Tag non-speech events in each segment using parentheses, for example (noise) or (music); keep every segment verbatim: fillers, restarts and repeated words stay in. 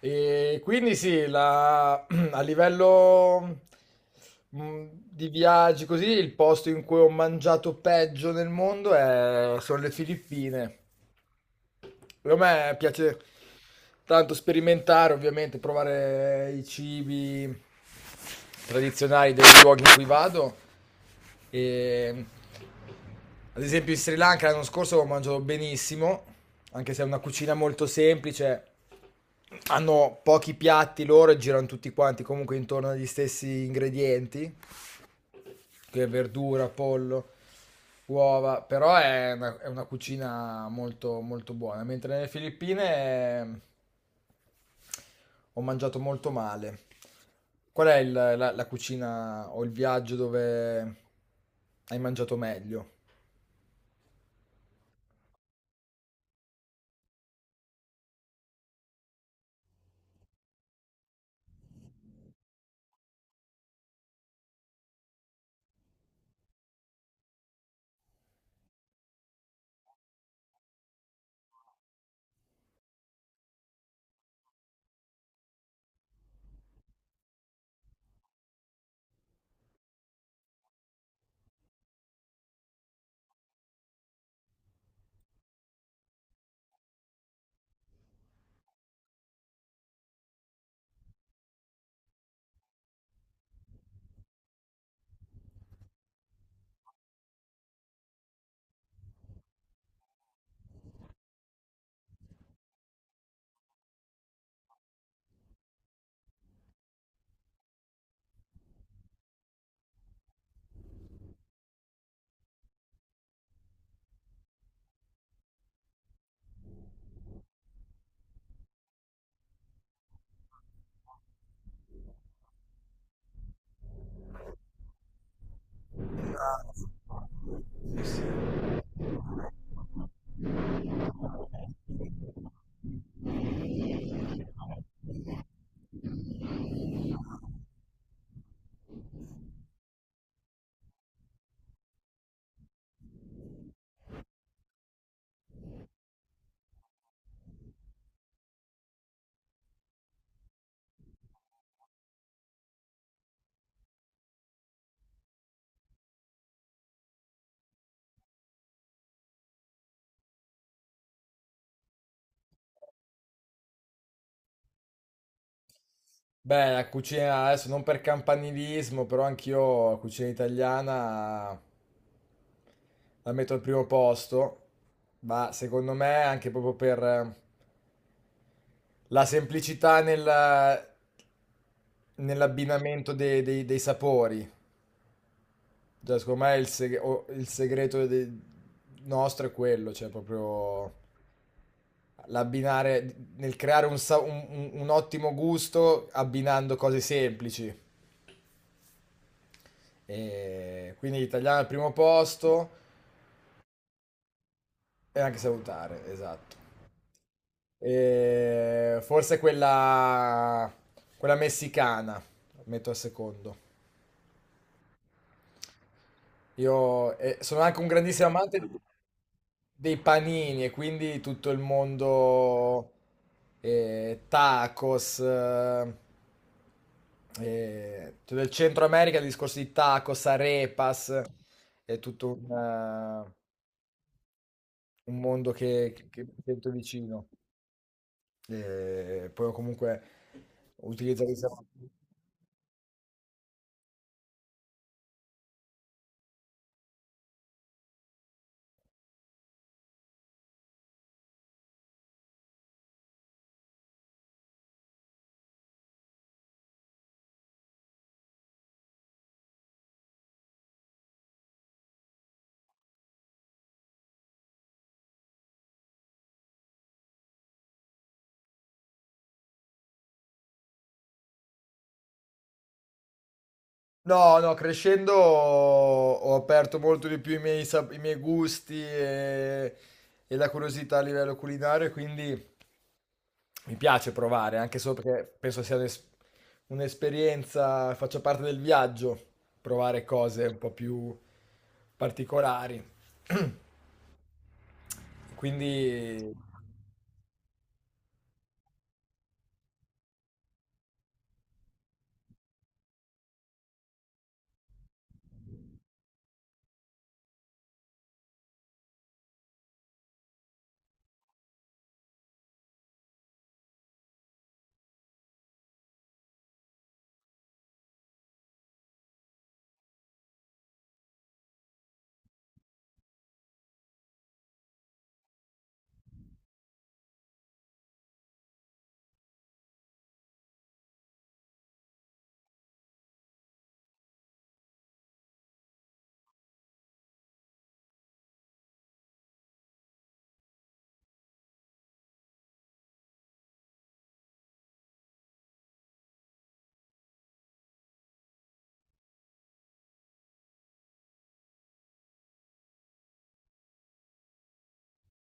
E quindi sì, la- (clears throat) a livello mh, di viaggi così, il posto in cui ho mangiato peggio nel mondo è- sono le Filippine. A me piace tanto sperimentare, ovviamente, provare i cibi tradizionali dei luoghi in cui vado. E, ad esempio in Sri Lanka l'anno scorso ho mangiato benissimo, anche se è una cucina molto semplice. Hanno pochi piatti loro e girano tutti quanti comunque intorno agli stessi ingredienti che verdura, pollo, uova, però è una, è una cucina molto, molto buona. Mentre nelle Filippine eh, ho mangiato molto male. Qual è il- la, la cucina o il viaggio dove hai mangiato meglio? Beh, la cucina adesso non per campanilismo, però anch'io la cucina italiana la metto al primo posto, ma secondo me anche proprio per la semplicità nella- nell'abbinamento dei, dei- dei sapori. Cioè, secondo me il, seg- o- il segreto de- nostro è quello, cioè proprio l'abbinare, nel creare un, sa- un- un- un ottimo gusto abbinando cose semplici. E quindi l'italiano al primo posto e anche salutare, esatto. E forse quella, quella messicana, metto al secondo. Io eh, sono anche un grandissimo amante dei panini e quindi tutto il mondo eh, tacos, eh, eh, cioè del Centro America, il discorso di tacos, arepas, è tutto un, eh, un mondo che, che- che mi sento vicino. E poi comunque utilizzo questa. No, no, crescendo ho ho aperto molto di più i miei, sap- i miei gusti e, e la curiosità a livello culinario, quindi mi piace provare, anche solo perché penso sia un'es- un'esperienza, faccia parte del viaggio, provare cose un po' più particolari. (clears throat) Quindi,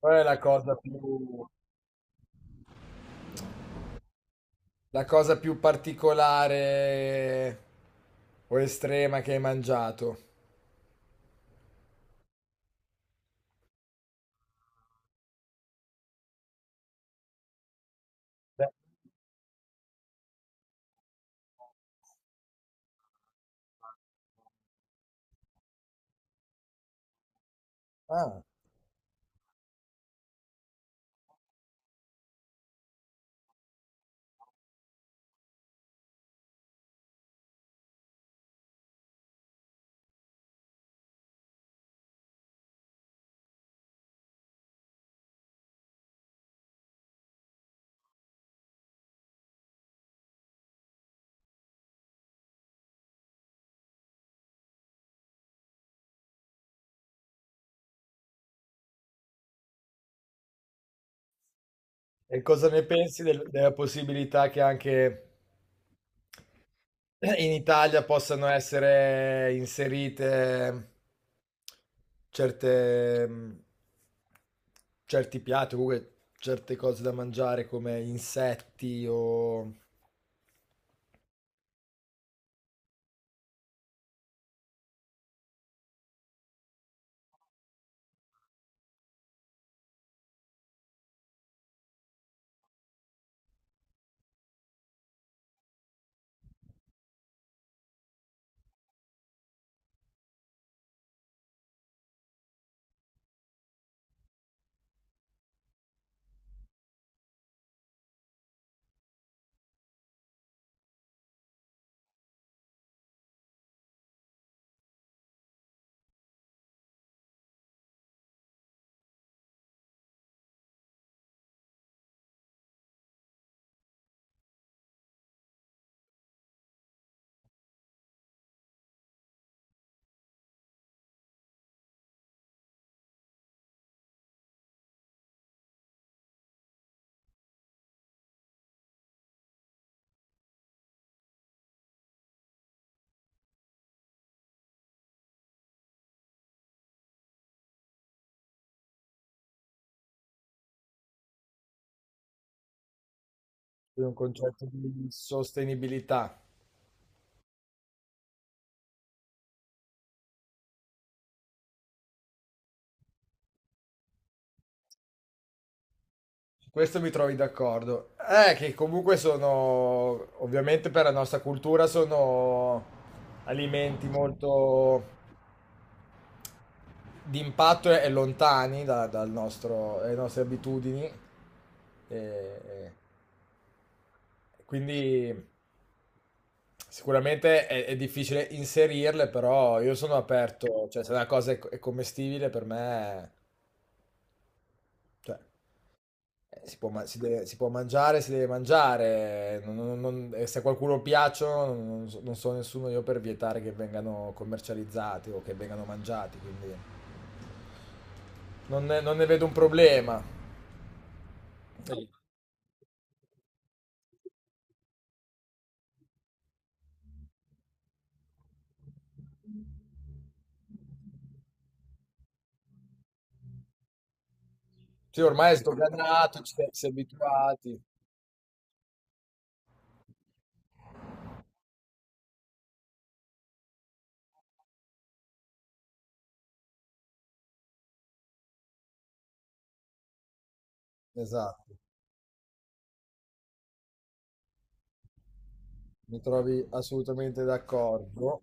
qual è la cosa più, la cosa più particolare o estrema che hai mangiato? Beh, ah. E cosa ne pensi del- della possibilità che anche in Italia possano essere inserite ehm, certe, mh, certi piatti, o comunque certe cose da mangiare come insetti o quindi un concetto di sostenibilità? Su questo mi trovi d'accordo. Eh, che comunque sono, ovviamente per la nostra cultura sono alimenti molto d'impatto e lontani da- dal nostro- dalle nostre abitudini. E- quindi sicuramente è, è difficile inserirle, però io sono aperto, cioè se la cosa è, co- è commestibile per me, cioè, eh, si può, ma- si deve- si può mangiare, si deve mangiare, non- non- non- e se a qualcuno piacciono non, non so non so nessuno io per vietare che vengano commercializzati o che vengano mangiati, quindi non ne non ne vedo un problema. Sì, ormai è sdoganato, ci si è abituati. Esatto, mi trovi assolutamente d'accordo.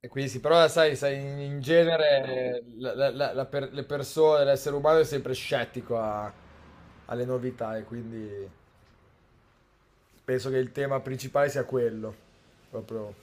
E quindi sì, però sai, sai, in in genere la- la- la- la per- le persone, l'essere umano è sempre scettico a- alle novità e quindi penso che il tema principale sia quello, proprio